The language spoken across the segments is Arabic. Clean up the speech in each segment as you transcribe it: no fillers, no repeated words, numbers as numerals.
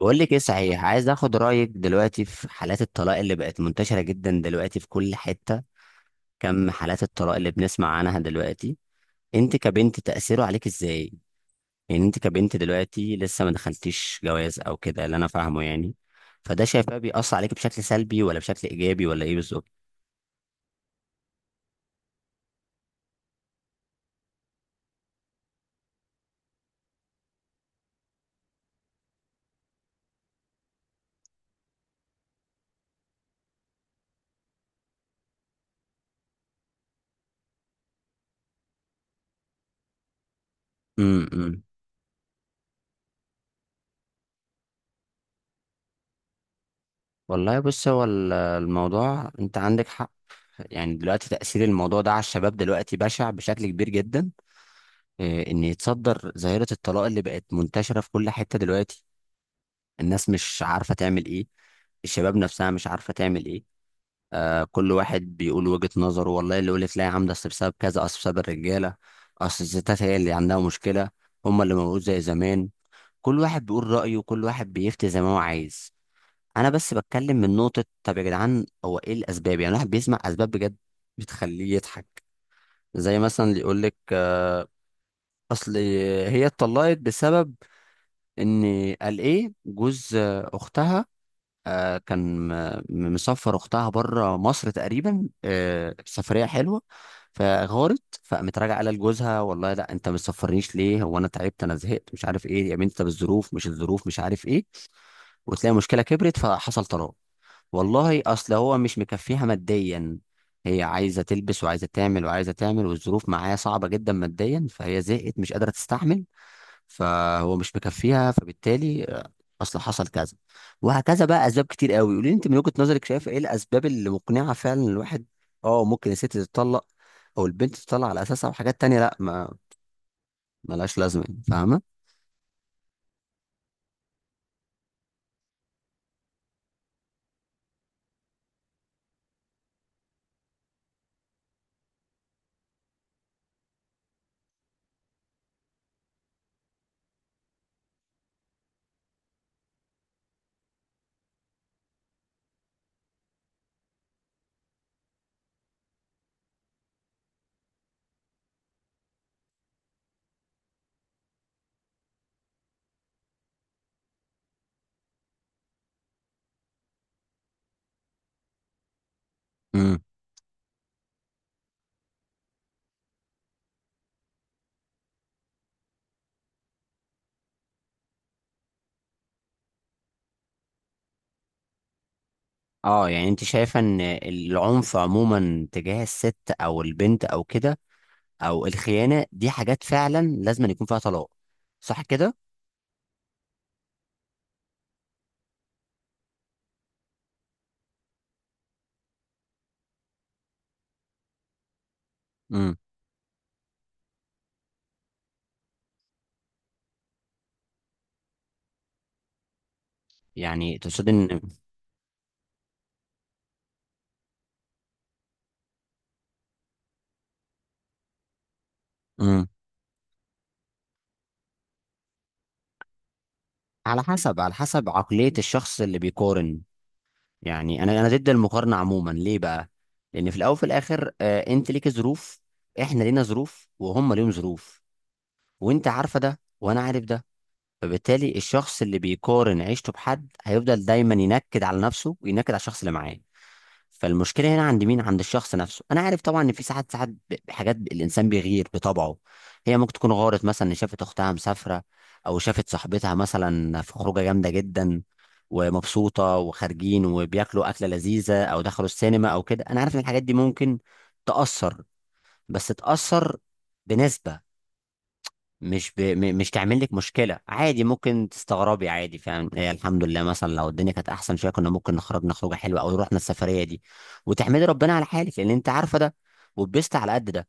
بقول لك ايه؟ صحيح عايز اخد رايك دلوقتي في حالات الطلاق اللي بقت منتشره جدا دلوقتي في كل حته. كم حالات الطلاق اللي بنسمع عنها دلوقتي؟ انت كبنت تاثيره عليك ازاي؟ يعني انت كبنت دلوقتي لسه ما دخلتيش جواز او كده اللي انا فاهمه يعني. فده شايفاه بيأثر عليك بشكل سلبي ولا بشكل ايجابي ولا ايه بالظبط؟ امم امم. والله بص، هو الموضوع انت عندك حق. يعني دلوقتي تأثير الموضوع ده على الشباب دلوقتي بشع بشكل كبير جدا، ان يتصدر ظاهره الطلاق اللي بقت منتشره في كل حته دلوقتي. الناس مش عارفه تعمل ايه، الشباب نفسها مش عارفه تعمل ايه. كل واحد بيقول وجهه نظره، والله اللي يقول لك لا يا عم ده أصل بسبب كذا، اصل بسبب الرجاله، اصل الستات هي اللي عندها مشكله، هم اللي موجود زي زمان. كل واحد بيقول رايه وكل واحد بيفتي زي ما هو عايز. انا بس بتكلم من نقطه، طب يا جدعان هو ايه الاسباب؟ يعني الواحد بيسمع اسباب بجد بتخليه يضحك، زي مثلا اللي يقول لك اصل هي اتطلقت بسبب ان قال ايه جوز اختها كان مسافر اختها بره مصر تقريبا، سفريه حلوه، فغارت فقامت راجعه قال لجوزها والله لا، انت ما تسفرنيش ليه؟ هو انا تعبت، انا زهقت، مش عارف ايه يا بنت، طب الظروف مش عارف ايه، وتلاقي المشكله كبرت فحصل طلاق. والله اصل هو مش مكفيها ماديا، هي عايزه تلبس وعايزه تعمل وعايزه تعمل والظروف معايا صعبه جدا ماديا، فهي زهقت مش قادره تستحمل، فهو مش مكفيها، فبالتالي اصل حصل كذا وهكذا. بقى اسباب كتير قوي. قولي لي انت من وجهة نظرك شايف ايه الاسباب اللي مقنعة فعلا إن الواحد اه ممكن الست تتطلق او البنت تتطلق على اساسها، وحاجات تانية لا ما ملهاش لازمة يعني، فاهمة؟ امم. اه يعني انت شايفة ان العنف عموما تجاه الست او البنت او كده او الخيانة، دي حاجات فعلا لازم يكون فيها طلاق، صح كده؟ امم. يعني تقصد ان امم على حسب على حسب عقلية الشخص اللي بيقارن. يعني انا ضد المقارنه عموما. ليه بقى؟ لان في الاول وفي الاخر انت ليك ظروف، احنا لينا ظروف وهم ليهم ظروف، وانت عارفه ده وانا عارف ده. فبالتالي الشخص اللي بيقارن عيشته بحد هيفضل دايما ينكد على نفسه وينكد على الشخص اللي معاه. فالمشكله هنا عند مين؟ عند الشخص نفسه. انا عارف طبعا ان في ساعات بحاجات الانسان بيغير بطبعه. هي ممكن تكون غارت مثلا إن شافت اختها مسافره، او شافت صاحبتها مثلا في خروجه جامده جدا ومبسوطه وخارجين وبياكلوا اكله لذيذه او دخلوا السينما او كده. انا عارف ان الحاجات دي ممكن تاثر، بس تاثر بنسبه. مش ب... م- مش تعمل لك مشكله عادي ممكن تستغربي عادي، فاهم إيه؟ الحمد لله مثلا لو الدنيا كانت احسن شويه كنا ممكن نخرجنا خروجه حلوه او رحنا السفريه دي، وتحمدي ربنا على حالك لان انت عارفه ده وبست على قد ده.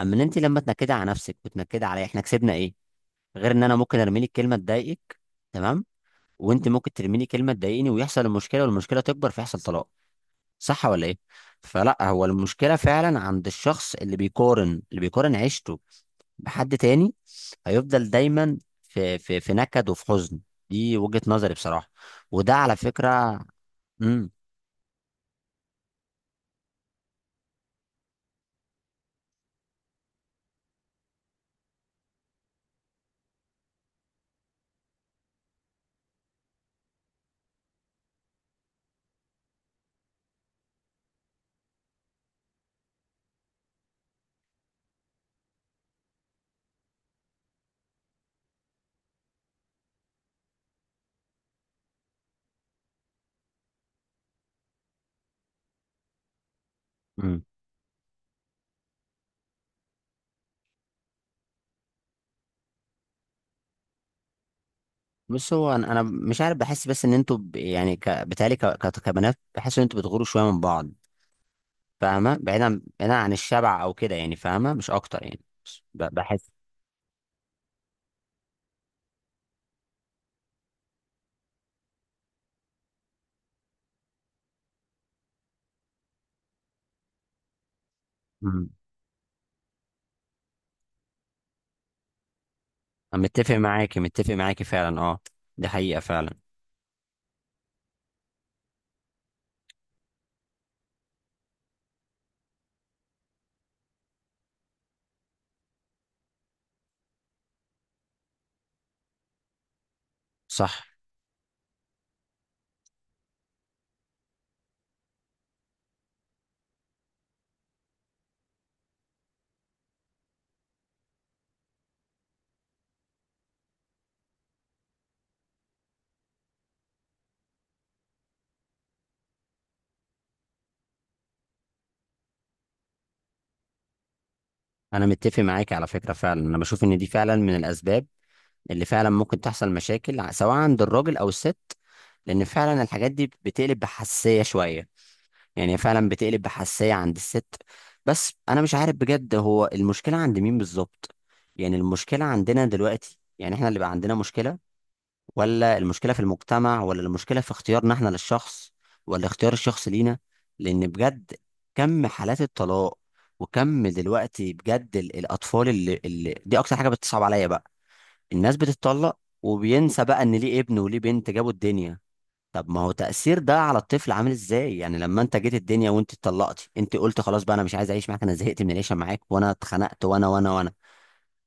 اما ان انت لما تنكدي على نفسك وتنكدي عليا، احنا كسبنا ايه؟ غير ان انا ممكن ارمي لك كلمه تضايقك، تمام، وانت ممكن ترمي لي كلمه تضايقني، ويحصل المشكله والمشكله تكبر فيحصل طلاق، صح ولا ايه؟ فلا، هو المشكله فعلا عند الشخص اللي بيقارن، اللي بيقارن عيشته بحد تاني هيفضل دايما في نكد وفي حزن. دي وجهة نظري بصراحة، وده على فكرة. امم امم. بص هو أنا مش عارف، بحس بس ان انتوا بتهيألي كبنات بحس ان انتوا بتغوروا شوية من بعض، فاهمة؟ بعيدا بعيدا عن الشبع او كده يعني، فاهمة؟ مش اكتر يعني، بحس. امم. أنا متفق معاكي، متفق معاكي فعلا، اه، دي حقيقة فعلا. صح، انا متفق معاكي على فكرة فعلا. انا بشوف ان دي فعلا من الاسباب اللي فعلا ممكن تحصل مشاكل سواء عند الراجل او الست، لان فعلا الحاجات دي بتقلب بحساسيه شويه، يعني فعلا بتقلب بحساسيه عند الست. بس انا مش عارف بجد، هو المشكله عند مين بالظبط؟ يعني المشكله عندنا دلوقتي؟ يعني احنا اللي بقى عندنا مشكله، ولا المشكله في المجتمع، ولا المشكله في اختيارنا احنا للشخص، ولا اختيار الشخص لينا؟ لان بجد كم حالات الطلاق! وكم دلوقتي بجد الاطفال اللي دي اكتر حاجه بتصعب عليا بقى. الناس بتتطلق وبينسى بقى ان ليه ابن وليه بنت جابوا الدنيا. طب ما هو تأثير ده على الطفل عامل ازاي؟ يعني لما انت جيت الدنيا وانت اتطلقتي، انت قلت خلاص بقى انا مش عايز اعيش معاك، انا زهقت من العيشه معاك وانا اتخنقت وانا وانا وانا،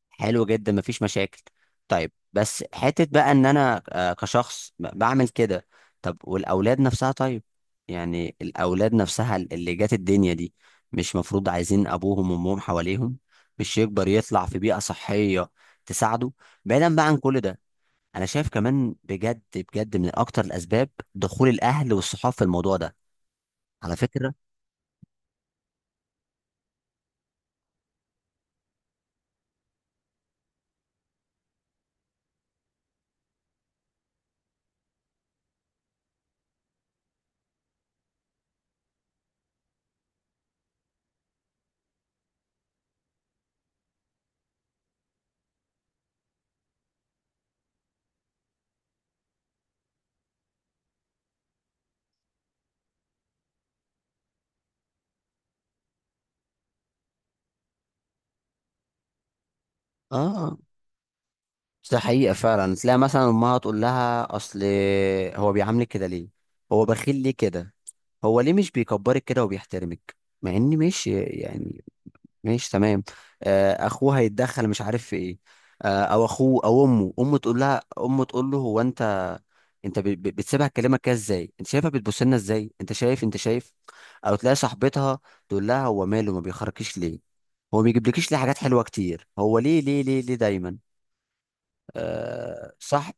حلو جدا مفيش مشاكل. طيب، بس حته بقى ان انا كشخص بعمل كده. طب والاولاد نفسها؟ طيب، يعني الاولاد نفسها اللي جات الدنيا دي مش مفروض عايزين ابوهم وامهم حواليهم؟ مش يكبر يطلع في بيئه صحيه تساعده؟ بعيدا بقى عن كل ده، انا شايف كمان بجد بجد من اكتر الاسباب دخول الاهل والصحاب في الموضوع ده، على فكره. اه، ده حقيقه فعلا. تلاقي مثلا امها تقول لها اصل هو بيعاملك كده ليه؟ هو بخيل ليه كده؟ هو ليه مش بيكبرك كده وبيحترمك؟ مع ان ماشي يعني، ماشي تمام. اخوه هيتدخل مش عارف في ايه، او اخوه او امه، امه تقول لها، امه تقول له هو انت، انت بتسيبها تكلمك كده ازاي؟ انت شايفها بتبص لنا ازاي؟ انت شايف انت شايف. او تلاقي صاحبتها تقول لها هو ماله ما بيخرجكيش ليه؟ هو ما بيجيبلكيش ليه حاجات حلوه كتير؟ هو ليه ليه ليه ليه دايما؟ أه صح.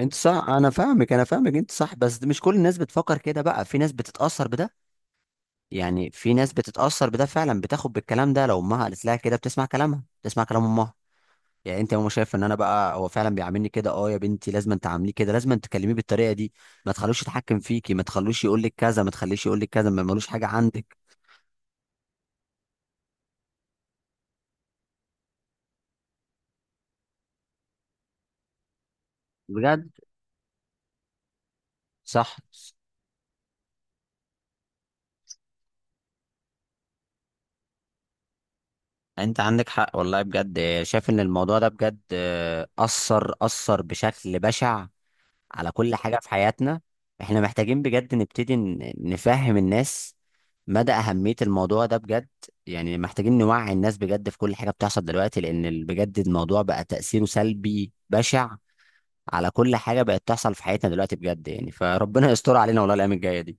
انت صح، انا فاهمك انت صح، بس مش كل الناس بتفكر كده بقى، في ناس بتتاثر بده. يعني في ناس بتتأثر بده فعلا، بتاخد بالكلام ده، لو امها قالت لها كده بتسمع كلامها، بتسمع كلام امها. يعني انت يا ماما شايف ان انا بقى هو فعلا بيعاملني كده؟ اه يا بنتي لازم انت تعامليه كده، لازم انت تكلميه بالطريقه دي، ما تخلوش يتحكم فيكي، ما تخلوش يقول لك كذا، ما تخليش يقول لك كذا، ما ملوش حاجه عندك. بجد صح. انت عندك حق والله، بجد شايف ان الموضوع ده بجد اثر، اثر بشكل بشع على كل حاجة في حياتنا. احنا محتاجين بجد نبتدي نفهم الناس مدى أهمية الموضوع ده بجد. يعني محتاجين نوعي الناس بجد في كل حاجة بتحصل دلوقتي، لأن بجد الموضوع بقى تأثيره سلبي بشع على كل حاجة بقت تحصل في حياتنا دلوقتي بجد يعني، فربنا يستر علينا والله الأيام الجاية دي.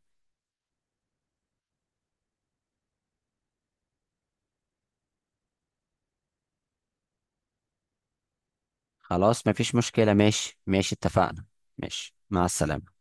خلاص مفيش مشكلة، ماشي ماشي اتفقنا، ماشي مع السلامة.